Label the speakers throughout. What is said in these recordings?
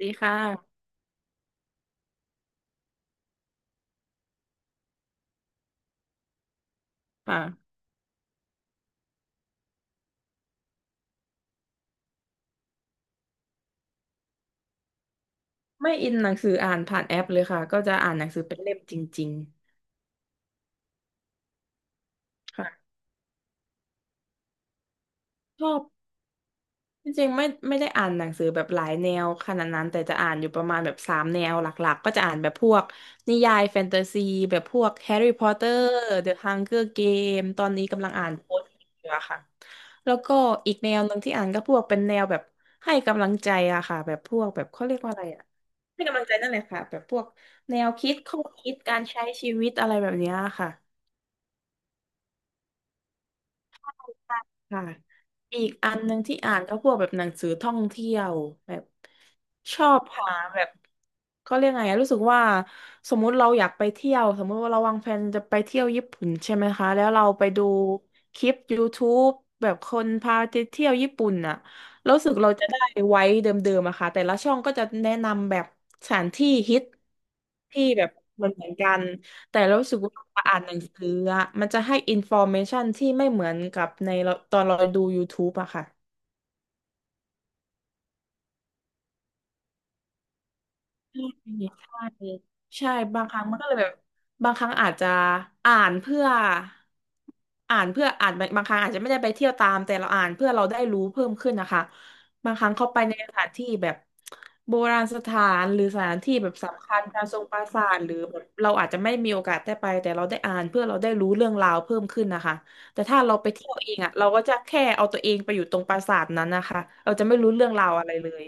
Speaker 1: ดีค่ะค่ะ ไม่อินหนังสืออ่านผ่านแอปเลยค่ะ ก็จะอ่านหนังสือเป็นเล่มจริงๆค่ะชอบ จริงๆไม่ได้อ่านหนังสือแบบหลายแนวขนาดนั้นแต่จะอ่านอยู่ประมาณแบบสามแนวหลักๆก็จะอ่านแบบพวกนิยายแฟนตาซีแบบพวกแฮร์รี่พอตเตอร์เดอะฮังเกอร์เกมตอนนี้กำลังอ่านโค้ดอยู่อะค่ะแล้วก็อีกแนวหนึ่งที่อ่านก็พวกเป็นแนวแบบให้กำลังใจอะค่ะแบบพวกแบบเขาเรียกว่าอะไรอะให้กำลังใจนั่นแหละค่ะแบบพวกแนวคิดข้อคิดการใช้ชีวิตอะไรแบบเนี้ยค่ะ ค่ะอีกอันหนึ่งที่อ่านก็พวกแบบหนังสือท่องเที่ยวแบบชอบหาแบบเขาเรียกไงอะรู้สึกว่าสมมุติเราอยากไปเที่ยวสมมุติว่าเราวางแผนจะไปเที่ยวญี่ปุ่นใช่ไหมคะแล้วเราไปดูคลิป YouTube แบบคนพาไปเที่ยวญี่ปุ่นน่ะรู้สึกเราจะได้ไว้เดิมๆอะค่ะแต่ละช่องก็จะแนะนำแบบสถานที่ฮิตที่แบบเหมือนกัน แต่เรารู้สึกว่าเราอ่านหนังสืออะมันจะให้อินฟอร์เมชันที่ไม่เหมือนกับในเราตอนเราดู YouTube อะค่ะ ใช่ใช่ใช่บางครั้งมันก็เลยแบบบางครั้งอาจจะอ่านเพื่ออ่านเพื่ออ่านบางครั้งอาจจะไม่ได้ไปเที่ยวตามแต่เราอ่านเพื่อเราได้รู้เพิ่มขึ้นนะคะบางครั้งเข้าไปในสถานที่แบบโบราณสถานหรือสถานที่แบบสำคัญการทรงปราสาทหรือแบบเราอาจจะไม่มีโอกาสได้ไปแต่เราได้อ่านเพื่อเราได้รู้เรื่องราวเพิ่มขึ้นนะคะแต่ถ้าเราไปเที่ยวเองอ่ะเราก็จะแค่เอาตัวเองไปอยู่ตรงปราสาทนั้นนะคะเราจะไม่รู้เรื่องราวอะไรเลย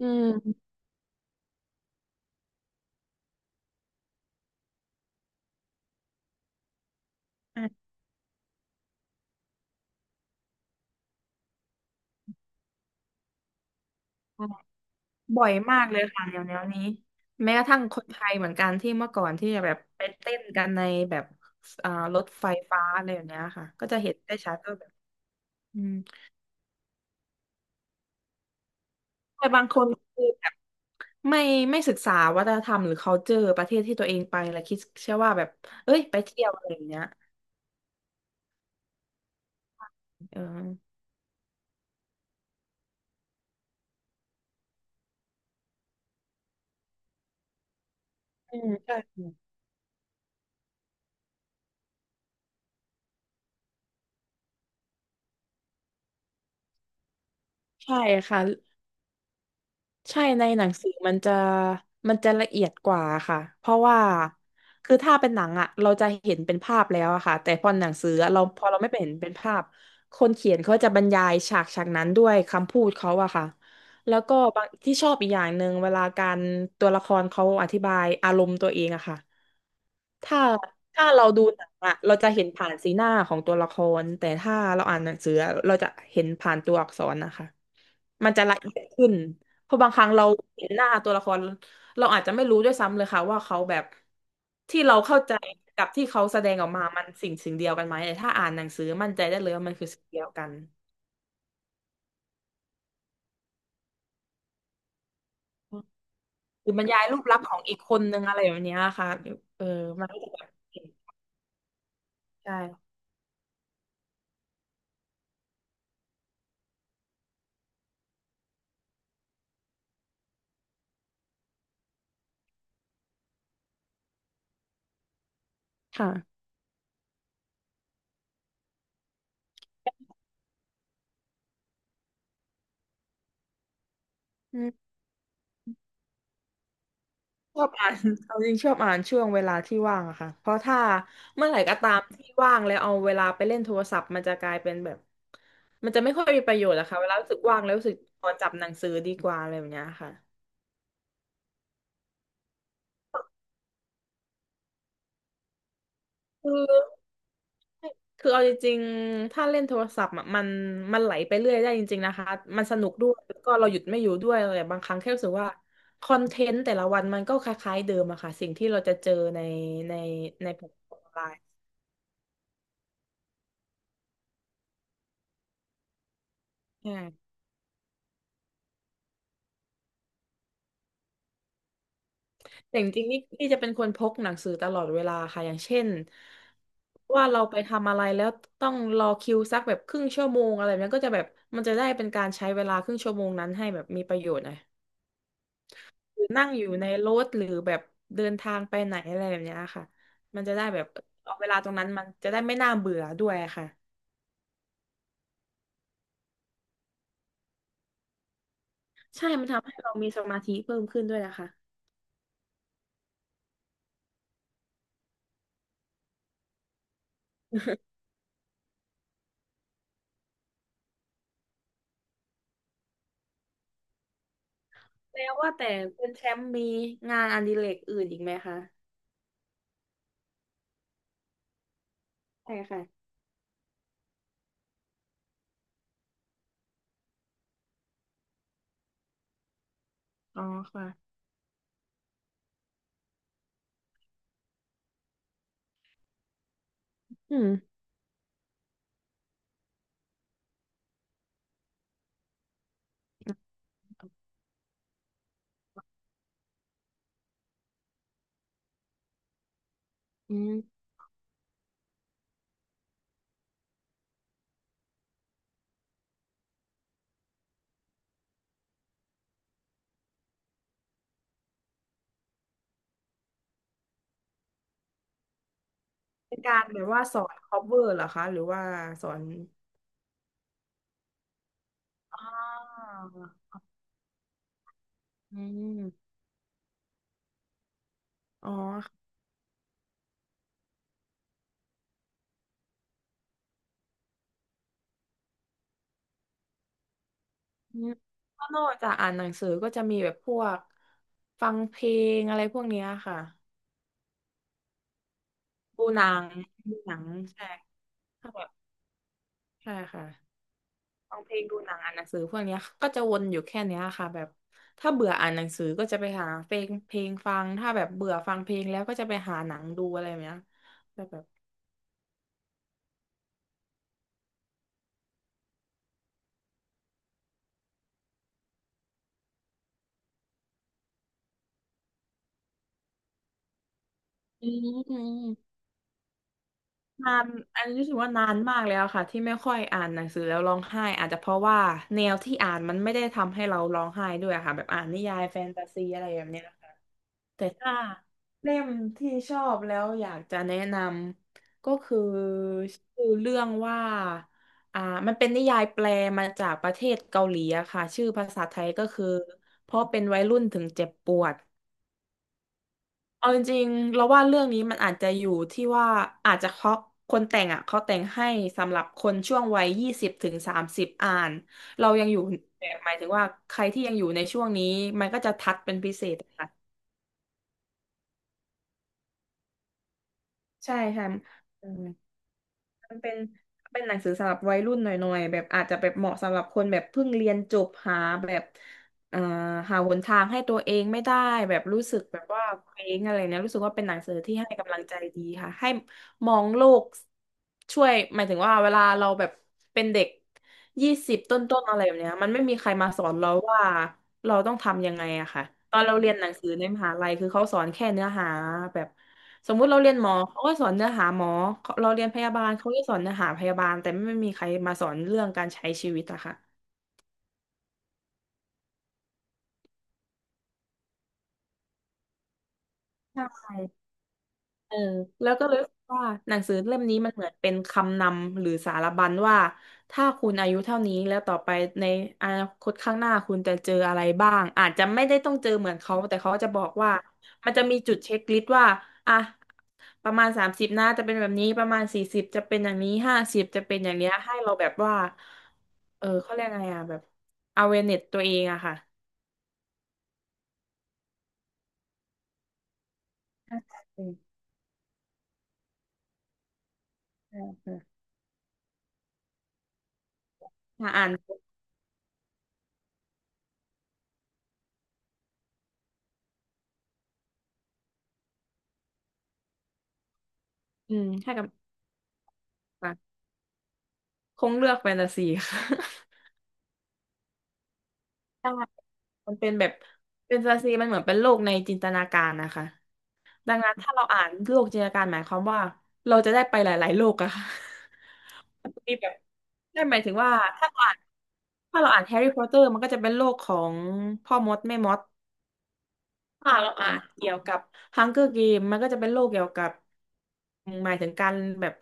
Speaker 1: อืม บ่อยมากเลยค่ะเดี๋ยวนี้แม้กระทั่งคนไทยเหมือนกันที่เมื่อก่อนที่จะแบบไปเต้นกันในแบบอ่ารถไฟฟ้าอะไรอย่างเนี้ยค่ะก็จะเห็นได้ชัดว่าแบบอืมแต่บางคนคือแบบไม่ไม่ศึกษาวัฒนธรรมหรือ culture ประเทศที่ตัวเองไปแล้วคิดเชื่อว่าแบบเอ้ยไปเที่ยวอะไรอย่างเงี้ยเอออืมใช่ใช่ค่ะ ใช่ในหนังสือมันจะมันจะละเอียดกว่าค่ะเพราะว่าคือถ้าเป็นหนังอะเราจะเห็นเป็นภาพแล้วอะค่ะแต่พอหนังสืออะเราพอเราไม่ไปเห็นเป็นภาพคนเขียนเขาจะบรรยายฉากฉากนั้นด้วยคำพูดเขาอะค่ะแล้วก็บางที่ชอบอีกอย่างหนึ่งเวลาการตัวละครเขาอธิบายอารมณ์ตัวเองอะค่ะถ้าถ้าเราดูหนังอะเราจะเห็นผ่านสีหน้าของตัวละครแต่ถ้าเราอ่านหนังสืออะเราจะเห็นผ่านตัวอักษรนะคะ มันจะละเอียดขึ้น เพราะบางครั้งเราเห็นหน้าตัวละครเราอาจจะไม่รู้ด้วยซ้ำเลยค่ะว่าเขาแบบที่เราเข้าใจกับที่เขาแสดงออกมามันสิ่งสิ่งเดียวกันไหมแต่ถ้าอ่านหนังสือมั่นใจได้เลยว่ามันคือสิ่งเดียวกัน หรือบรรยายรูปลักษณ์ของอีกคนนึงอะไรแบบเนี้ยค่ะเออมันก็จะแบบใช่ค่ะอื ชอบอ่าน เอาจริงชอบอ่านช่วงเวลาที่ว่างอะค่ะเพราะถ้าเมื่อไหร่ก็ตามที่ว่างแล้วเอาเวลาไปเล่นโทรศัพท์มันจะกลายเป็นแบบมันจะไม่ค่อยมีประโยชน์อะค่ะเวลารู้สึกว่างแล้วรู้สึกขอจับหนังสือดีกว่าอะไรแบบเนี้ยค่ะคือคือเอาจริงๆถ้าเล่นโทรศัพท์อะมันไหลไปเรื่อยได้จริงๆนะคะ มันสนุกด้วยแล้วก็เราหยุดไม่อยู่ด้วยเลยบางครั้งแค่รู้สึกว่าคอนเทนต์แต่ละวันมันก็คล้ายๆเดิมอะค่ะสิ่งที่เราจะเจอในในในแพลตฟอร์มออนไลน์ใช่ แต่จริงๆนี่จะเป็นคนพกหนังสือตลอดเวลาค่ะอย่างเช่นว่าเราไปทำอะไรแล้วต้องรอคิวสักแบบครึ่งชั่วโมงอะไรแบบนั้นก็จะแบบมันจะได้เป็นการใช้เวลาครึ่งชั่วโมงนั้นให้แบบมีประโยชน์หน่อยหรือนั่งอยู่ในรถหรือแบบเดินทางไปไหนอะไรแบบเนี้ยค่ะมันจะได้แบบเอาเวลาตรงนั้นมันจะได้ไม่น่าเบื่อด้วยค่ะใช่มันทำให้เรามีสมาธิเพิ่มขึ้นด้วยนะคะ แล้วว่าแต่คุณแชมป์มีงานอดิเรกอื่นอีกไหมคะใช่ค่ะอ๋อค่ะอืมอืม เป็นการแบบว่าสอน cover เหรอคะหรือว่าสอนอ่าอืมอ๋อค่ะก็นอกจากอ่านหนังสือก็จะมีแบบพวกฟังเพลงอะไรพวกเนี้ยค่ะดูหนังดูหนังใช่ค่ะแบบใช่ค่ะฟังเพลงดูหนังอ่านหนังสือพวกเนี้ยก็จะวนอยู่แค่เนี้ยค่ะแบบถ้าเบื่ออ่านหนังสือก็จะไปหาเพลงฟังถ้าแบบเบื่อฟังเพลงแล้วก็จะไปหาหนังดูอะไรแบบเนี้ยแบบอืม นานอันนี้รู้สึกว่านานมากแล้วค่ะที่ไม่ค่อยอ่านหนังสือแล้วร้องไห้อาจจะเพราะว่าแนวที่อ่านมันไม่ได้ทำให้เราร้องไห้ด้วยค่ะแบบอ่านนิยายแฟนตาซีอะไรแบบเนี้ยค่ะแต่ถ้าเล่มที่ชอบแล้วอยากจะแนะนำก็คือชื่อเรื่องว่าอ่ามันเป็นนิยายแปลมาจากประเทศเกาหลีอะค่ะชื่อภาษาไทยก็คือเพราะเป็นวัยรุ่นถึงเจ็บปวด เอาจริงๆ เราว่าเรื่องนี้มันอาจจะอยู่ที่ว่าอาจจะเพราะคนแต่งอ่ะเขาแต่งให้สำหรับคนช่วงวัย20 ถึง 30อ่านเรายังอยู่แบบหมายถึงว่าใครที่ยังอยู่ในช่วงนี้มันก็จะทัดเป็นพิเศษค่ะใช่ค่ะ มันเป็นเป็นหนังสือสำหรับวัยรุ่นหน่อยๆแบบอาจจะแบบเหมาะสำหรับคนแบบเพิ่งเรียนจบหาแบบเอ่อหาหนทางให้ตัวเองไม่ได้แบบรู้สึกแบบว่าเคว้งอะไรเนี่ยรู้สึกว่าเป็นหนังสือที่ให้กำลังใจดีค่ะให้มองโลกช่วยหมายถึงว่าเวลาเราแบบเป็นเด็ก20 ต้นๆอะไรแบบเนี้ยมันไม่มีใครมาสอนเราว่าเราต้องทำยังไงอะค่ะตอนเราเรียนหนังสือในมหาลัยคือเขาสอนแค่เนื้อหาแบบ สมมุติเราเรียนหมอเขาก็สอนเนื้อหาหมอเราเรียนพยาบาลเขาก็สอนเนื้อหาพยาบาลแต่ไม่มีใครมาสอนเรื่องการใช้ชีวิตอะค่ะใช่ เออแล้วก็เลยรู้สึกว่าหนังสือเล่มนี้มันเหมือนเป็นคำนำหรือสารบัญว่าถ้าคุณอายุเท่านี้แล้วต่อไปในอนาคตข้างหน้าคุณจะเจออะไรบ้างอาจจะไม่ได้ต้องเจอเหมือนเขาแต่เขาจะบอกว่ามันจะมีจุดเช็คลิสต์ว่าอ่ะประมาณสามสิบนะจะเป็นแบบนี้ประมาณ40จะเป็นอย่างนี้50จะเป็นอย่างเนี้ยให้เราแบบว่าเออเขาเรียกไงอ่ะแบบ awareness ตัวเองอะค่ะออ่ะอ่านอืมให้กับ คงเลือกแฟนตาซี ค่ะ ใช่มันเป็นแบบแฟนตาซีมันเหมือนเป็นโลกในจินตนาการนะคะ ดังนั้นถ้าเราอ่านโลกจินตนาการหมายความว่าเราจะได้ไปหลายๆโลกอะค่ะ มันจะมีแบบได้หมายถึงว่าถ้าเราอ่านถ้าเราอ่านแฮร์รี่พอตเตอร์มันก็จะเป็นโลกของพ่อมดแม่มด ค่ะเราอ่านเกี่ยวกับ Hunger Game มันก็จะเป็นโลกเกี่ยวกับหมายถึงการแบบ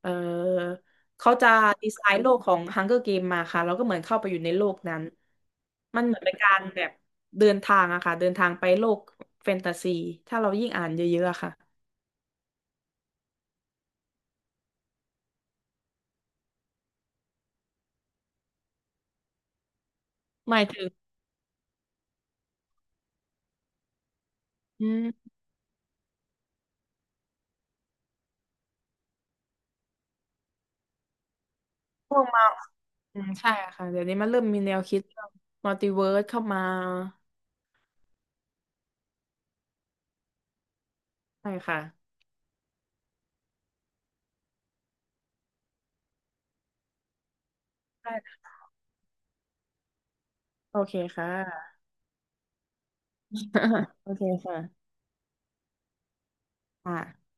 Speaker 1: เออเขาจะดีไซน์โลกของ Hunger Game มาค่ะเราก็เหมือนเข้าไปอยู่ในโลกนั้น มันเหมือนเป็นการแบบเดินทางอะค่ะเดินทางไปโลกแฟนตาซีถ้าเรายิ่งอ่านเยอะๆอะค่ะหมายถึงอืมพวกมาอืมใช่อะค่ะเดี๋ยวนี้มันเริ่มมีแนวคิดมัลติเวิร์สเข้ามาใช่ค่ะใชค่ะโอเคค่ะ โอเคค่ะอ่า